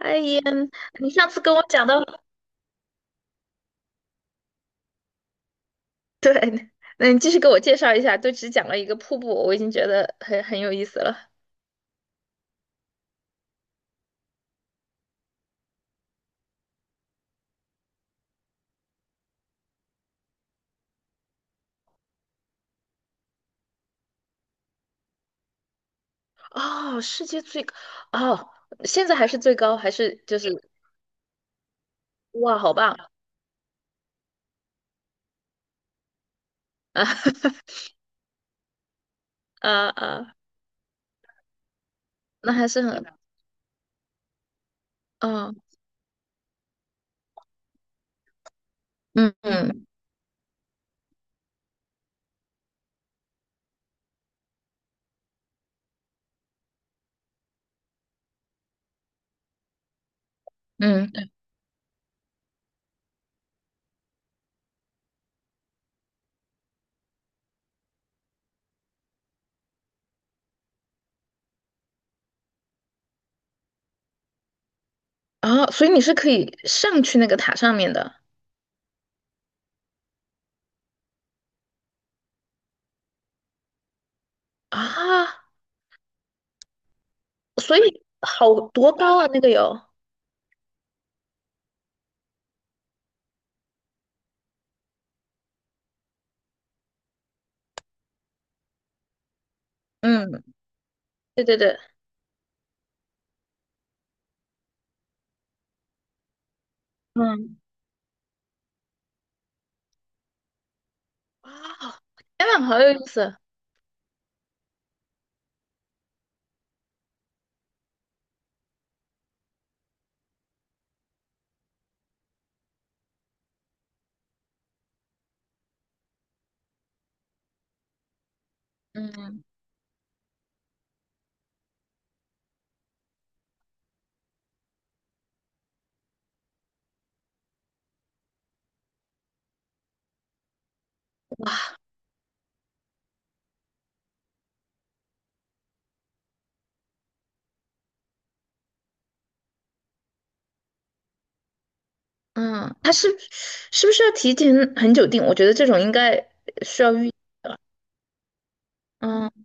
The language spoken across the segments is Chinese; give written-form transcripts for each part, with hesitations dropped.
哎呀，你上次跟我讲到，对，那你继续给我介绍一下，就只讲了一个瀑布，我已经觉得很有意思了。哦，世界最高，哦，现在还是最高，还是就是哇，好棒啊。 啊啊，那还是很，嗯嗯嗯嗯，啊，所以你是可以上去那个塔上面的。啊，所以好多高啊，那个有，嗯，对对对，嗯，哇哦，天呐，好有意思，嗯。嗯，他是是不是要提前很久订？我觉得这种应该需要预，嗯，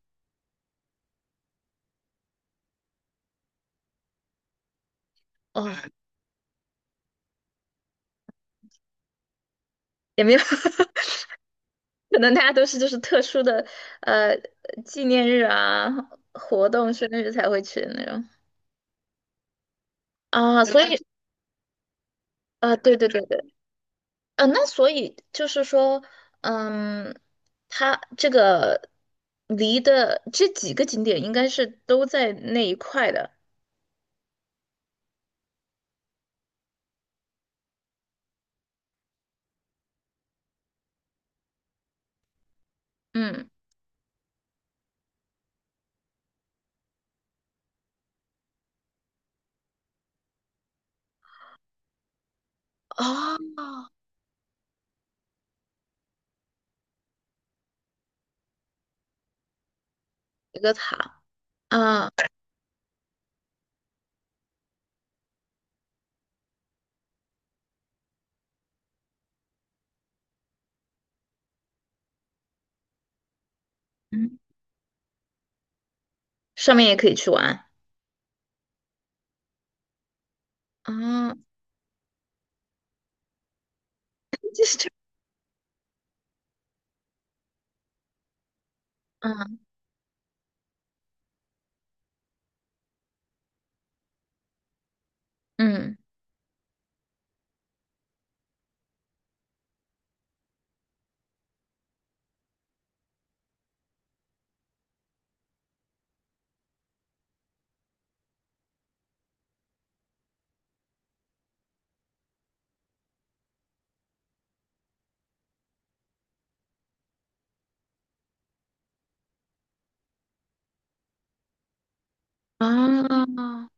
哦，也没有，可能大家都是就是特殊的呃纪念日啊、活动、生日才会去的那种。啊，所以啊，对对对对，那所以就是说，嗯，它这个离的这几个景点应该是都在那一块的，嗯，哦，一个塔啊。嗯，上面也可以去玩啊，就是这嗯嗯啊，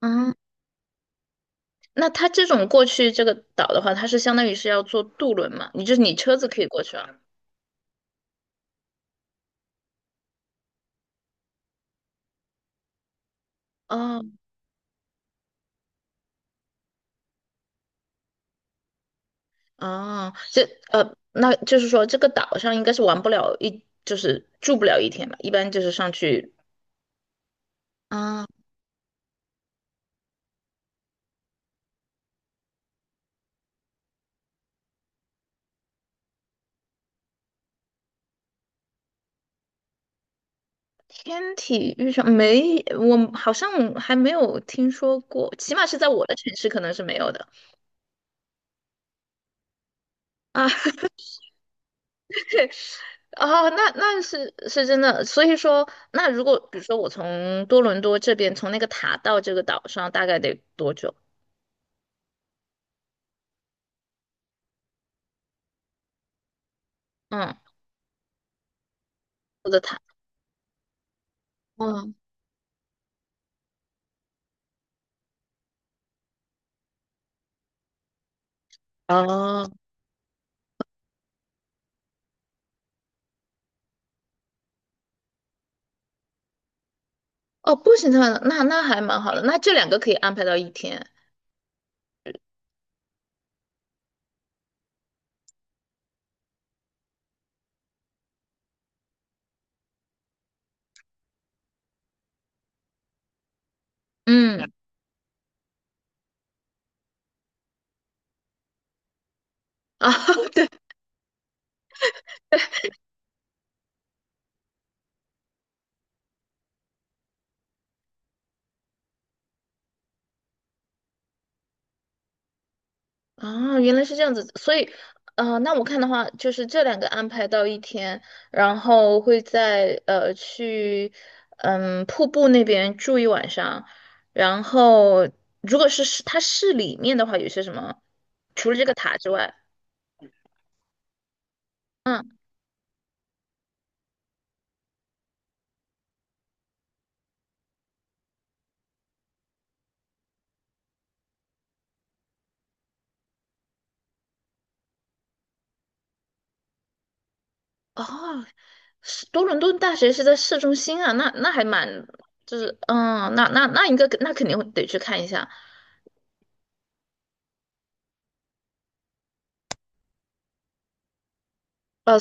嗯，那它这种过去这个岛的话，它是相当于是要坐渡轮嘛？你就是你车子可以过去啊？哦哦，这那就是说这个岛上应该是玩不了一，就是住不了一天吧？一般就是上去啊，天体遇上没，我好像还没有听说过，起码是在我的城市可能是没有的。啊。哦，那那是是真的，所以说，那如果比如说我从多伦多这边，从那个塔到这个岛上，大概得多久？嗯，我的塔，嗯，哦哦，步行的话，那那还蛮好的，那这两个可以安排到一天，嗯，啊，对。啊，原来是这样子，所以，那我看的话，就是这两个安排到一天，然后会在去，嗯，瀑布那边住一晚上，然后如果是市它市里面的话，有些什么，除了这个塔之外，嗯，哦，是多伦多大学是在市中心啊，那那还蛮，就是，嗯，那那那应该那肯定会得去看一下，呃，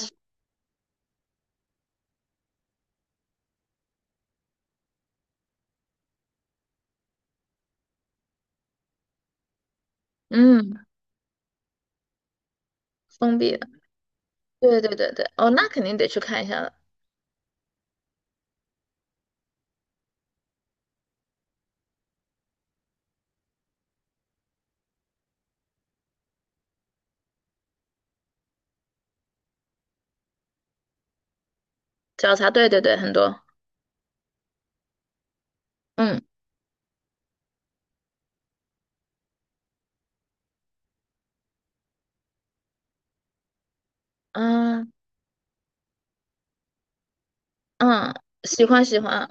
嗯，封闭的，对对对对，哦，那肯定得去看一下了。早茶，对对对，很多，嗯嗯嗯，喜欢喜欢，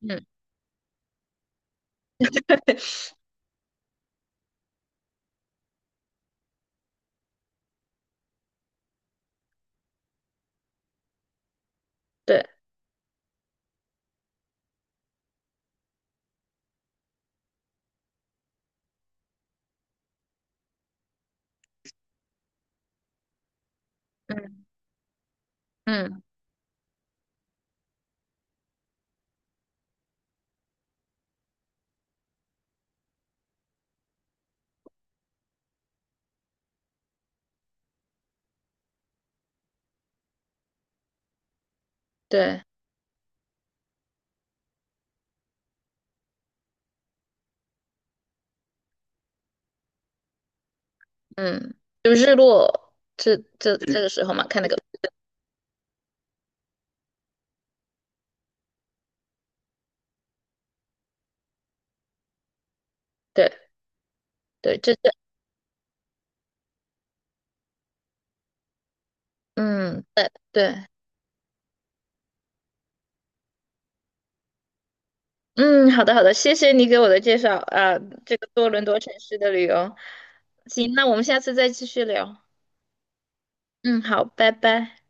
嗯，对，嗯嗯对，嗯，就日落这这这个时候嘛，看那个，对对，这这，嗯对对，嗯，好的好的，谢谢你给我的介绍啊，这个多伦多城市的旅游，行，那我们下次再继续聊，嗯，好，拜拜。